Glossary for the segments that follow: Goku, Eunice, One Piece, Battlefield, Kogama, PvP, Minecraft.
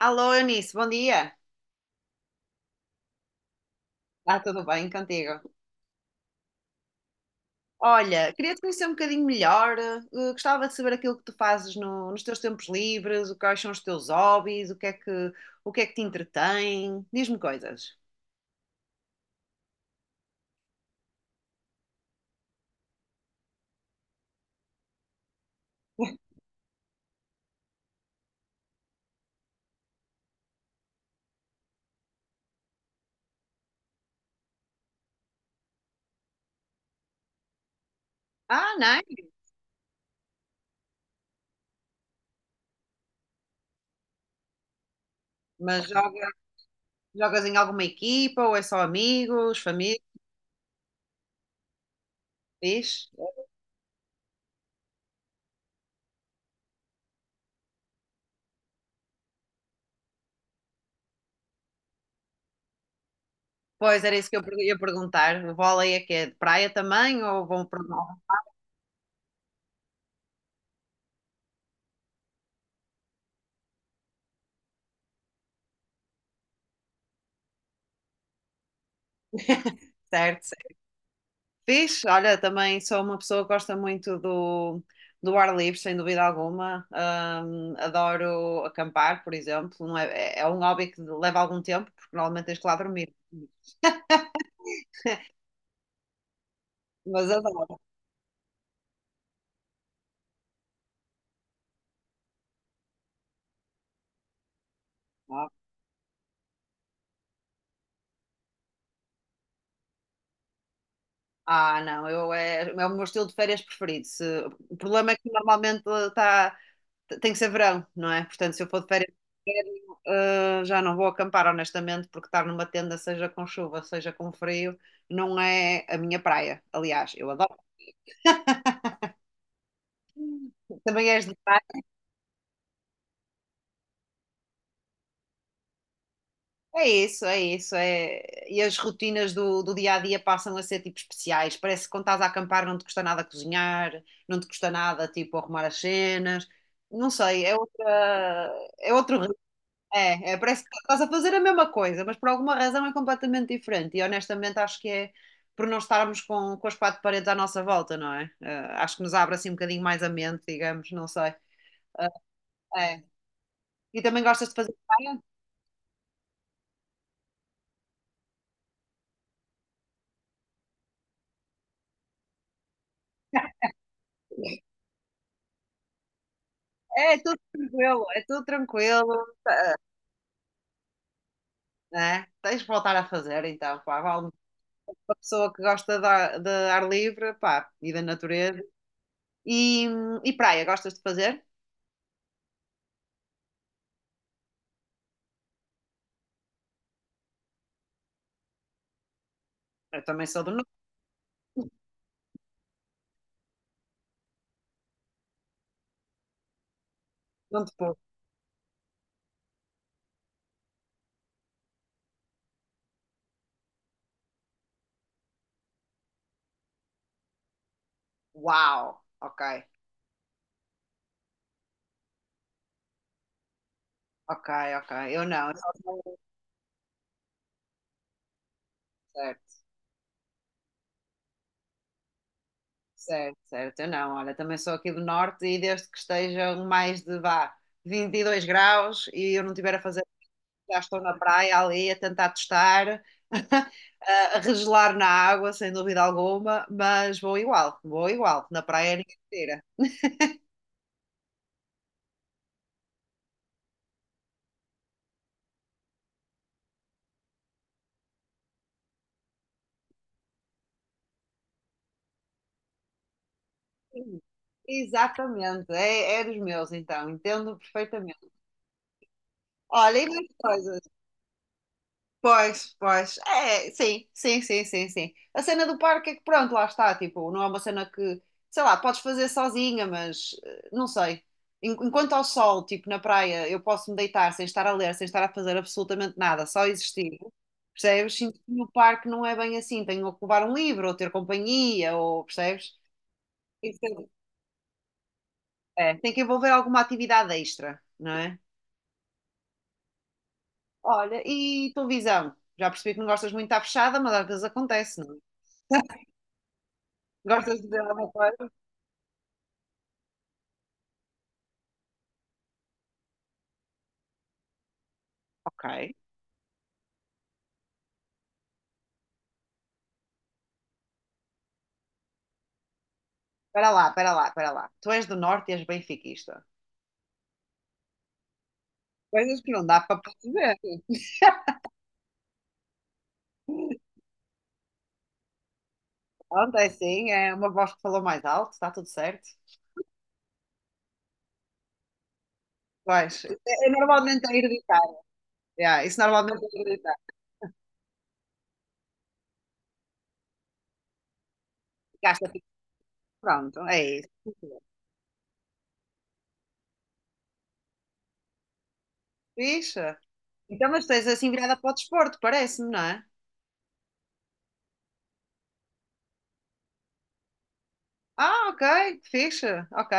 Alô, Eunice, bom dia. Está tudo bem contigo? Olha, queria-te conhecer um bocadinho melhor. Gostava de saber aquilo que tu fazes nos teus tempos livres, quais são os teus hobbies, o que é que te entretém. Diz-me coisas. Ah, não? É? Mas jogas em alguma equipa ou é só amigos, família? Fixe? Pois era isso que eu ia perguntar. O vôlei é que é de praia também ou vão para o mar? Certo. Fixe, olha, também sou uma pessoa que gosta muito do, do ar livre, sem dúvida alguma. Adoro acampar, por exemplo. Não é, é é um hobby que leva algum tempo, porque normalmente tens que lá dormir. Mas adoro. Ah, não, eu é, é o meu estilo de férias preferido. O problema é que normalmente tá, tem que ser verão, não é? Portanto, se eu for de férias, inverno, ah, já não vou acampar, honestamente, porque estar numa tenda, seja com chuva, seja com frio, não é a minha praia. Aliás, eu adoro. Também és de praia. É isso, é isso. É... E as rotinas do, do dia a dia passam a ser tipo especiais. Parece que quando estás a acampar não te custa nada cozinhar, não te custa nada tipo arrumar as cenas. Não sei, é outra, é outro ritmo. É, é, parece que estás a fazer a mesma coisa, mas por alguma razão é completamente diferente. E honestamente acho que é por não estarmos com as quatro paredes à nossa volta, não é? Acho que nos abre assim um bocadinho mais a mente, digamos, não sei. Eh, É. E também gostas de fazer praia? É é tudo tranquilo, né? Tens de voltar a fazer então, pá, vale uma pessoa que gosta de ar livre, pá, e da natureza. E, e praia, gostas de fazer? Eu também sou do norte, não te pouco. Uau, ok, ok, ok. Eu não, eu só sou certo, certo, certo. Eu não, olha, também sou aqui do norte e desde que estejam mais de vá 22 graus e eu não tiver a fazer já estão na praia ali a tentar testar, a regelar na água, sem dúvida alguma, mas vou igual, vou igual. Na praia é ninguém tira. Sim, exatamente, é, é dos meus, então, entendo perfeitamente. Olha, e mais coisas. Pois, pois. É, sim, sim, sim, sim, sim. A cena do parque é que pronto, lá está, tipo, não é uma cena que, sei lá, podes fazer sozinha, mas não sei. Enquanto ao sol, tipo, na praia, eu posso me deitar sem estar a ler, sem estar a fazer absolutamente nada, só existir. Percebes? Sinto que no parque não é bem assim. Tenho que levar um livro, ou ter companhia, ou percebes? Isso é, é, tem que envolver alguma atividade extra, não é? Olha, e televisão? Já percebi que não gostas muito de estar fechada, mas às vezes acontece, não é? Gostas de dizer alguma coisa? Ok. Espera lá, espera lá, espera lá. Tu és do Norte e és benfiquista. Coisas que não dá para perceber. Pronto, é assim, é uma voz que falou mais alto, está tudo certo. Pois, é, é normalmente a hereditário. Yeah, isso normalmente é hereditário. Gasta tipo, pronto, é isso. Fixe. Então, mas tens assim virada para o desporto, parece-me, não é? Ah, ok, fixe, ok.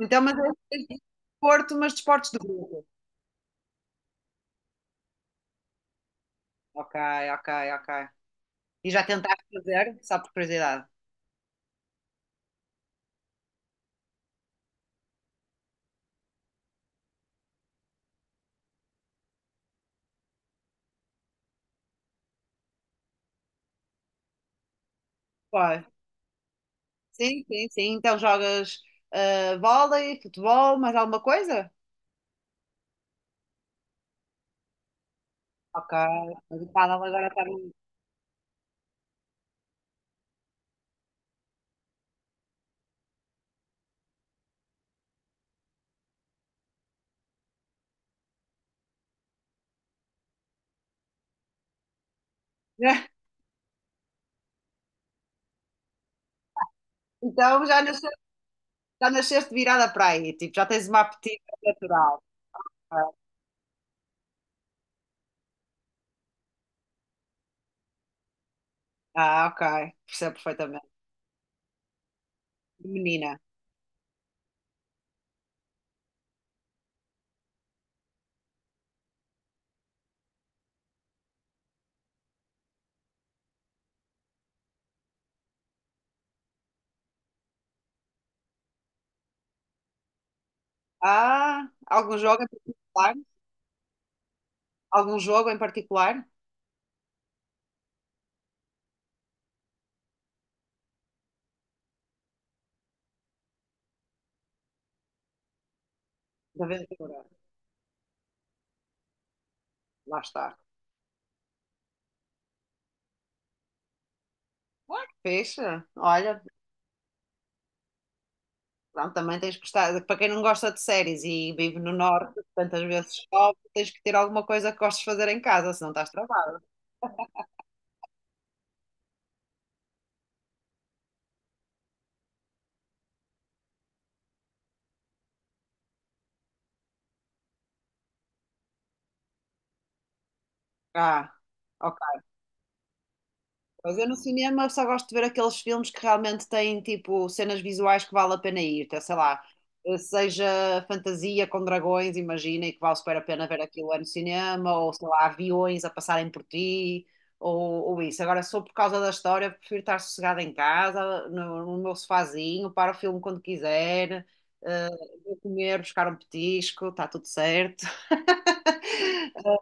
Então, mas é assim, desporto, mas desportos de grupo. Ok, ok, ok. E já tentaste fazer, só por curiosidade? Pois. Sim, sim, sim. Então jogas ah, vôlei, futebol, mais alguma coisa? Ok. Mas o pádel agora está bem. Então já nasceste virada para aí. Tipo, já tens uma apetite natural. Ah, ah, ok. Percebo perfeitamente. Menina. Ah, algum jogo em particular? Algum jogo em particular? Da aventura. Lá está. Ah, que fixe. Olha, pronto, também tens que estar. Para quem não gosta de séries e vive no norte, tantas vezes chove, tens que ter alguma coisa que gostes de fazer em casa, senão estás travado. Ah, ok. Mas eu no cinema só gosto de ver aqueles filmes que realmente têm tipo cenas visuais que vale a pena ir, então, sei lá, seja fantasia com dragões, imagina, e que vale super a pena ver aquilo é no cinema, ou sei lá, aviões a passarem por ti, ou isso. Agora, sou por causa da história, prefiro estar sossegada em casa, no, no meu sofazinho, para o filme quando quiser, eh, vou comer, buscar um petisco, está tudo certo.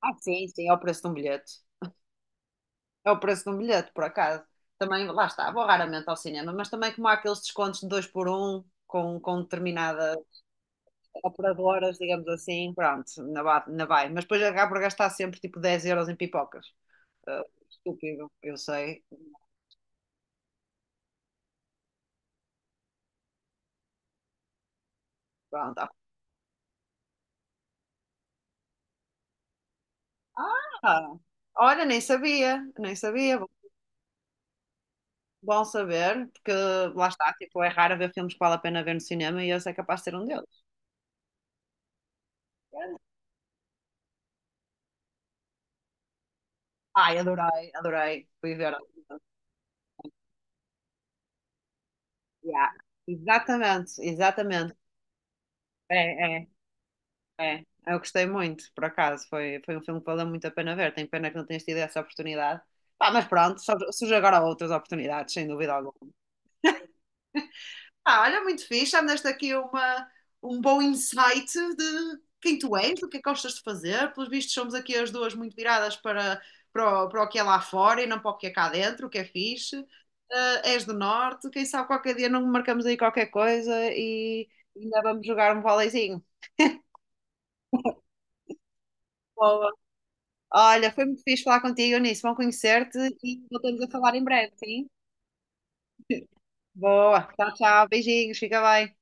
Ah, sim, sim, é o preço de um bilhete. É o preço de um bilhete, por acaso. Também, lá está, vou raramente ao cinema, mas também como há aqueles descontos de dois por um com determinadas operadoras, digamos assim, pronto, na, na vai. Mas depois acabo por gastar sempre tipo 10 euros em pipocas. Ah, estúpido, eu sei. Pronto. Ah, olha, nem sabia, nem sabia. Bom saber, porque lá está, tipo, é raro ver filmes que vale a pena ver no cinema e esse é capaz de ser um deles. Ai, adorei, adorei. Fui ver. Yeah. Exatamente, exatamente. É, é, é. Eu gostei muito, por acaso. Foi, foi um filme que valeu muito a pena ver. Tenho pena que não tenhas tido essa oportunidade. Pá, mas pronto, surge agora outras oportunidades, sem dúvida alguma. Ah, olha, muito fixe. Já me deste aqui uma, um bom insight de quem tu és, do que é que gostas de fazer. Pelos vistos, somos aqui as duas muito viradas para, para, o, para o que é lá fora e não para o que é cá dentro, o que é fixe. Ah, és do Norte, quem sabe qualquer dia não marcamos aí qualquer coisa e ainda vamos jogar um voleizinho. Olha, foi muito fixe falar contigo, Eunice. Bom conhecer-te e voltamos a falar em breve, sim? Boa. Tchau, tchau. Beijinhos. Fica bem.